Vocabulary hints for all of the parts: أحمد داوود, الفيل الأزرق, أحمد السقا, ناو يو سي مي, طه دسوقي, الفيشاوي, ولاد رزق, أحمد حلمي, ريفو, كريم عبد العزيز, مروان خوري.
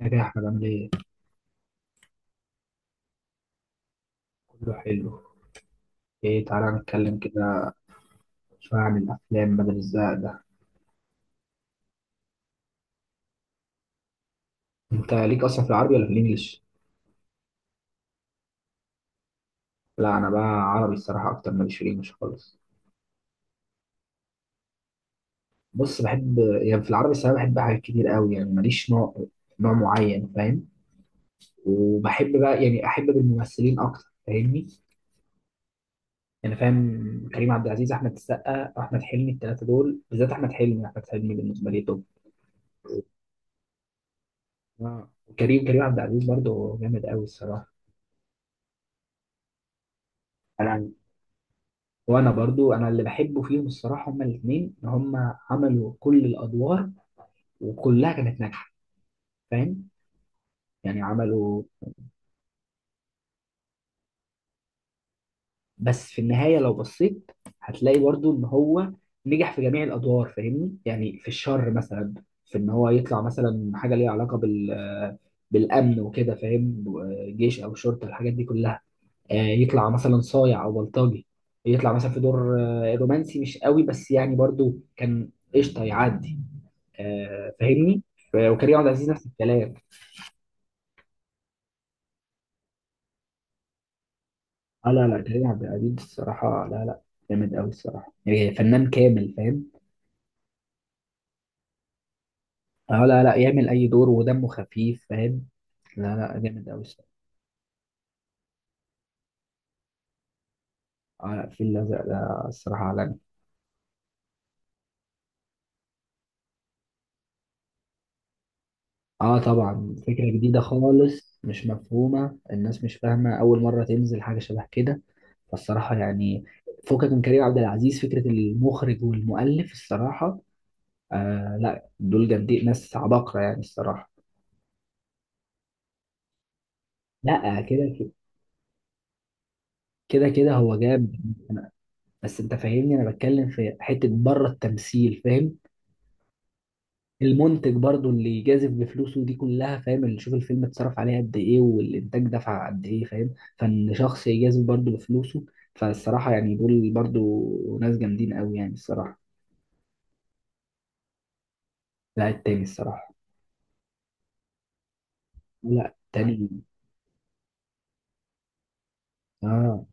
يا جاي احمد عامل ايه؟ كله حلو. ايه، تعالى نتكلم كده شوية عن الأفلام بدل الزهق ده. انت ليك أصلا في العربي ولا في الإنجليش؟ لا، أنا بقى عربي الصراحة أكتر، ماليش في الإنجليش خالص. بص، بحب يعني في العربي الصراحة بحب حاجات كتير قوي، يعني ماليش نوع معين فاهم؟ وبحب بقى يعني أحب بالممثلين أكتر، فاهمني؟ يعني فاهم، كريم عبد العزيز، أحمد السقا، أحمد حلمي، التلاتة دول بالذات أحمد حلمي، أحمد حلمي بالنسبة لي توب. اه، كريم عبد العزيز برضه جامد قوي الصراحة. انا وانا برضو اللي بحبه فيهم الصراحه هما الاثنين، ان هما عملوا كل الادوار وكلها كانت ناجحه، فاهم؟ يعني عملوا، بس في النهايه لو بصيت هتلاقي برضو ان هو نجح في جميع الادوار، فاهمني؟ يعني في الشر مثلا، في ان هو يطلع مثلا حاجه ليها علاقه بالامن وكده، فاهم؟ جيش او شرطه الحاجات دي كلها، يطلع مثلا صايع او بلطجي، يطلع مثلا في دور رومانسي مش قوي بس يعني برضو كان قشطه يعدي، فاهمني. وكريم عبد العزيز نفس الكلام. اه لا لا، كريم عبد العزيز الصراحه لا لا، جامد قوي الصراحه، يعني فنان كامل، فاهم؟ اه لا لا، يعمل اي دور ودمه خفيف، فاهم؟ لا لا جامد قوي الصراحه. اه لا، الفيل الازرق ده الصراحه عالمي. اه طبعا، فكرة جديدة خالص، مش مفهومة، الناس مش فاهمة، أول مرة تنزل حاجة شبه كده. فالصراحة يعني فكك من كريم عبد العزيز، فكرة المخرج والمؤلف الصراحة، آه لا دول جامدين، ناس عباقرة يعني الصراحة. لا كده كده هو جامد. بس انت فاهمني، انا بتكلم في حتة بره التمثيل، فاهم؟ المنتج برضو اللي جازف بفلوسه دي كلها، فاهم؟ اللي شوف الفيلم اتصرف عليه قد ايه والانتاج دفع قد ايه، فاهم؟ فان شخص يجازف برضو بفلوسه، فالصراحة يعني دول برضو ناس جامدين قوي يعني الصراحة. لا التاني الصراحة، لا التاني. اه،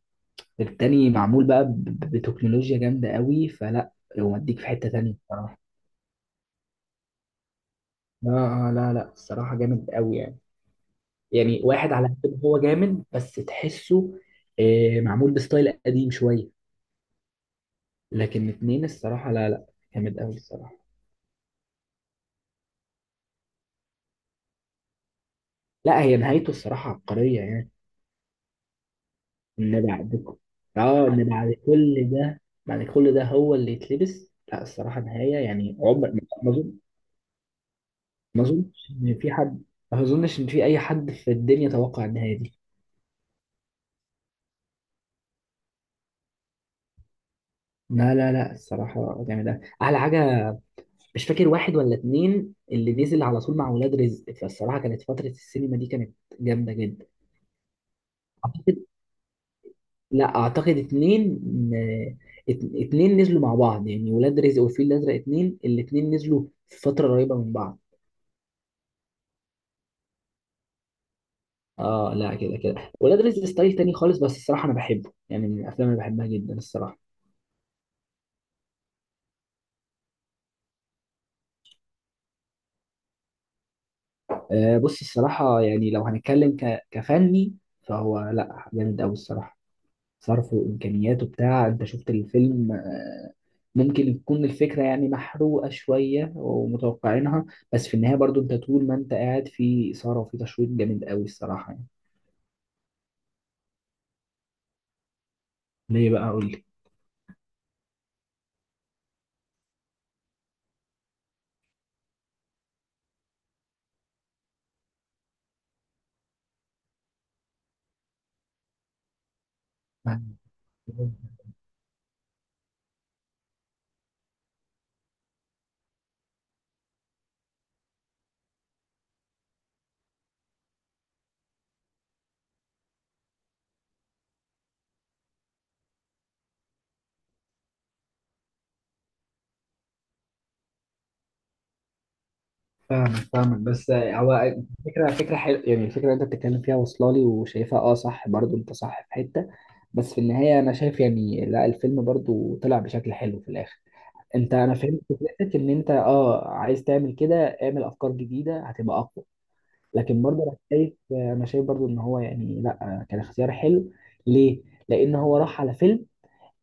التاني معمول بقى بتكنولوجيا جامدة قوي فلا، ومديك في حتة تانية الصراحة. اه. اه لا لا، الصراحة جامد قوي يعني، يعني واحد على قد ما هو جامد بس تحسه معمول بستايل قديم شوية، لكن اتنين الصراحة لا لا، جامد أوي الصراحة. لا، هي نهايته الصراحة عبقرية يعني. إن اه إن بعد كل ده، بعد كل ده هو اللي يتلبس، لا الصراحة نهاية يعني عمر ما، أظن. ما أظنش إن في حد ما أظنش إن في أي حد في الدنيا توقع النهاية دي. لا لا لا، الصراحة جامد أوي، أحلى حاجة. مش فاكر واحد ولا اتنين اللي نزل على طول مع ولاد رزق، فالصراحة كانت فترة السينما دي كانت جامدة جدا. لا اعتقد اتنين اتنين نزلوا مع بعض، يعني ولاد رزق والفيل الازرق اتنين، الاتنين نزلوا في فتره قريبه من بعض. اه لا كده كده، ولاد رزق ستايل تاني خالص، بس الصراحه انا بحبه يعني، من الافلام اللي بحبها جدا الصراحه. آه بص، الصراحه يعني لو هنتكلم كفني، فهو لا جامد قوي الصراحه، صرفه وامكانياته بتاع، انت شفت الفيلم، ممكن يكون الفكره يعني محروقه شويه ومتوقعينها، بس في النهايه برضو انت طول ما انت قاعد في اثاره وفي تشويق جامد قوي الصراحه يعني. ليه بقى؟ قول لي. فاهمك بس هو، فكرة حلوة يعني، الفكرة اللي انت بتتكلم فيها واصلة لي وشايفها، اه صح برضو، انت صح في حتة، بس في النهاية انا شايف يعني لا الفيلم برضو طلع بشكل حلو في الاخر. انا فهمت فكرتك ان انت اه عايز تعمل كده، اعمل افكار جديدة هتبقى اقوى. لكن برضو انا شايف برضو ان هو يعني لا كان اختيار حلو. ليه؟ لان هو راح على فيلم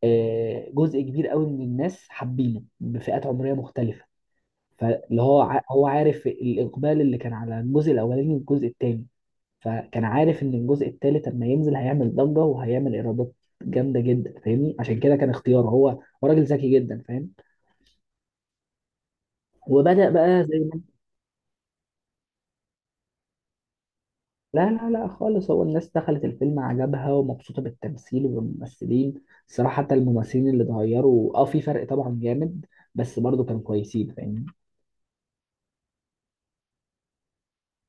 جزء كبير قوي من الناس حابينه بفئات عمرية مختلفة، فاللي هو هو عارف الإقبال اللي كان على الجزء الأولاني والجزء التاني، فكان عارف إن الجزء التالت لما ينزل هيعمل ضجة وهيعمل إيرادات جامدة جدا، فاهمني؟ عشان كده كان اختياره، هو راجل ذكي جدا، فاهم؟ وبدأ بقى زي ما. لا لا لا خالص، هو الناس دخلت الفيلم عجبها ومبسوطة بالتمثيل وبالممثلين الصراحة، حتى الممثلين اللي اتغيروا اه في فرق طبعا جامد، بس برضه كانوا كويسين، فاهمني؟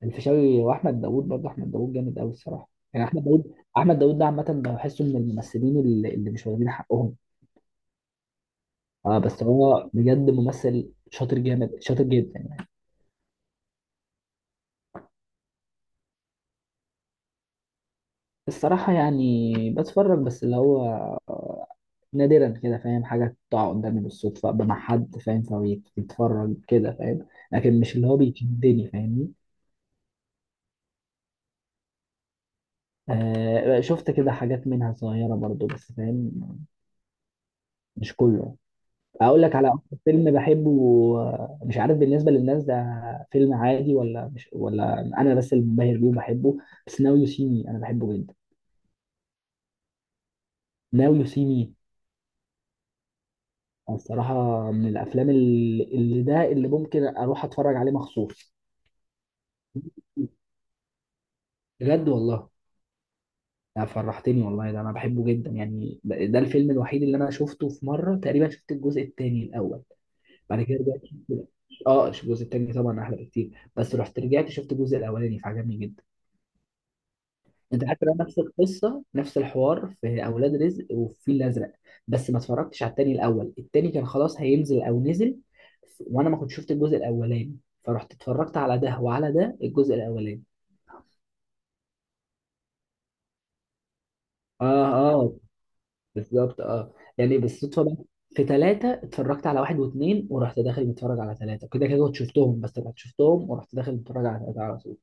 الفيشاوي واحمد داوود، برضه احمد داوود جامد قوي الصراحه، يعني احمد داوود ده عامه بحسه من الممثلين اللي مش واخدين حقهم. اه بس هو بجد ممثل شاطر، جامد شاطر جدا يعني. الصراحه يعني بتفرج بس اللي هو آه، نادرا كده، فاهم؟ حاجه تقع قدامي بالصدفه، ابقى مع حد فاهم فبيتفرج كده، فاهم؟ لكن مش اللي هو بيشدني، فاهمني؟ آه شفت كده حاجات منها صغيره برضه بس، فاهم؟ مش كله. اقول لك على اكتر فيلم بحبه، مش عارف بالنسبه للناس ده فيلم عادي ولا مش، ولا انا بس اللي منبهر بيه وبحبه، بس ناو يو سي مي انا بحبه جدا. ناو يو سي مي، الصراحه من الافلام اللي ده اللي ممكن اروح اتفرج عليه مخصوص. بجد والله، ده فرحتني والله، ده انا بحبه جدا يعني، ده الفيلم الوحيد اللي انا شفته في مره تقريبا، شفت الجزء الثاني الاول، بعد كده اه الجزء الثاني طبعا احلى بكتير، بس رحت رجعت شفت الجزء الاولاني فعجبني جدا. انت حتى لو نفس القصه نفس الحوار في اولاد رزق والفيل الازرق، بس ما اتفرجتش على التاني الاول، التاني كان خلاص هينزل او نزل وانا ما كنت شفت الجزء الاولاني، فرحت اتفرجت على ده وعلى ده الجزء الاولاني. اه. اه بالظبط، اه يعني بالصدفه بقى، في ثلاثة اتفرجت على واحد واثنين ورحت داخل متفرج على ثلاثة، كده كده كنت شفتهم بس رحت شفتهم ورحت داخل متفرج على ثلاثة على طول.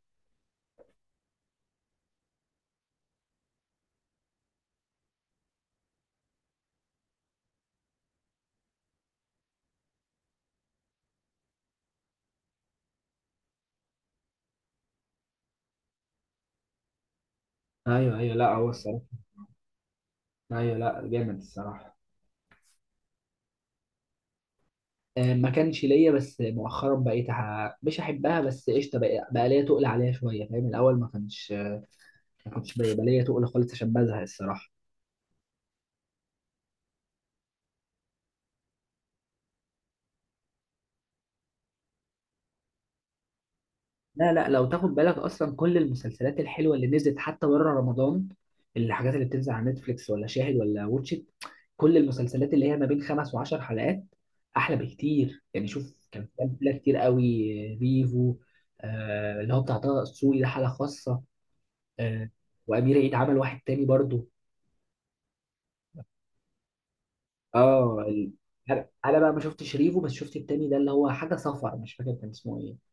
ايوه ايوه، لا هو الصراحة، ايوه لا جامد الصراحة. ما كانش ليا، بس مؤخرا بقيت مش احبها بس قشطه، بقى ليا تقل عليها شويه، فاهم؟ الاول ما كانش، ما كنتش بيبقى ليا تقل خالص عشان بزهق الصراحه. لا لا، لو تاخد بالك اصلا، كل المسلسلات الحلوه اللي نزلت حتى بره رمضان، الحاجات اللي بتنزل على نتفليكس ولا شاهد ولا واتشت، كل المسلسلات اللي هي ما بين خمس وعشر حلقات احلى بكتير، يعني شوف، كان في امثله كتير قوي. ريفو، اللي هو بتاع طه دسوقي ده حاله خاصه، آه، وامير عيد عمل واحد تاني برضه. اه ال- انا بقى ما شفتش ريفو بس شفت التاني ده اللي هو حاجه صفر، مش فاكر كان اسمه ايه،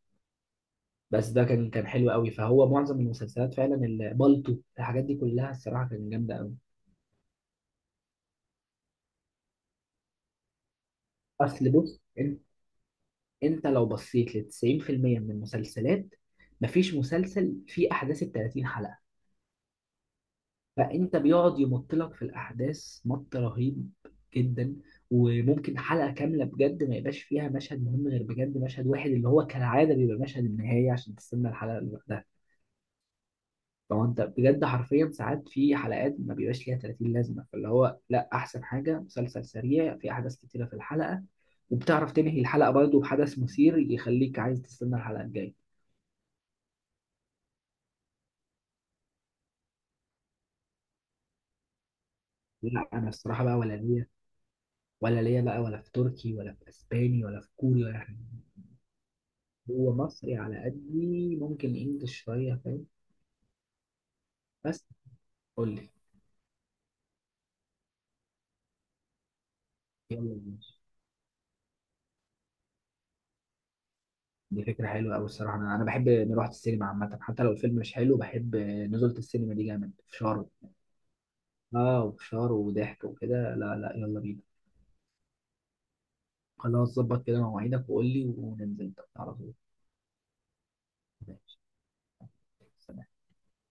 بس ده كان حلو قوي. فهو معظم المسلسلات فعلا بالطو الحاجات دي كلها الصراحه كانت جامده قوي. اصل بص، انت لو بصيت ل 90% من المسلسلات، مفيش مسلسل فيه احداث ال 30 حلقه، فانت بيقعد يمط لك في الاحداث مط رهيب جدا، وممكن حلقه كامله بجد ما يبقاش فيها مشهد مهم، غير بجد مشهد واحد اللي هو كالعاده بيبقى مشهد النهايه عشان تستنى الحلقه اللي بعدها. لو انت بجد حرفيا ساعات في حلقات ما بيبقاش ليها 30 لازمه، فاللي هو لا احسن حاجه مسلسل سريع في احداث كتيره في الحلقه، وبتعرف تنهي الحلقه برضه بحدث مثير يخليك عايز تستنى الحلقه الجايه. لا انا الصراحه بقى ولا ليا، بقى ولا في تركي ولا في اسباني ولا في كوري ولا حاجه. هو مصري على قدي، ممكن انجلش شويه، فاهم؟ بس قول لي. يلا ماشي. دي فكره حلوه قوي الصراحه، انا بحب نروح السينما عامه، حتى لو الفيلم مش حلو بحب نزولة، السينما دي جامد في شهر. اه وفشار وضحك وكده، لا لا يلا بينا. خلاص، ظبط كده مواعيدك وقول لي وننزل على طول. ماشي.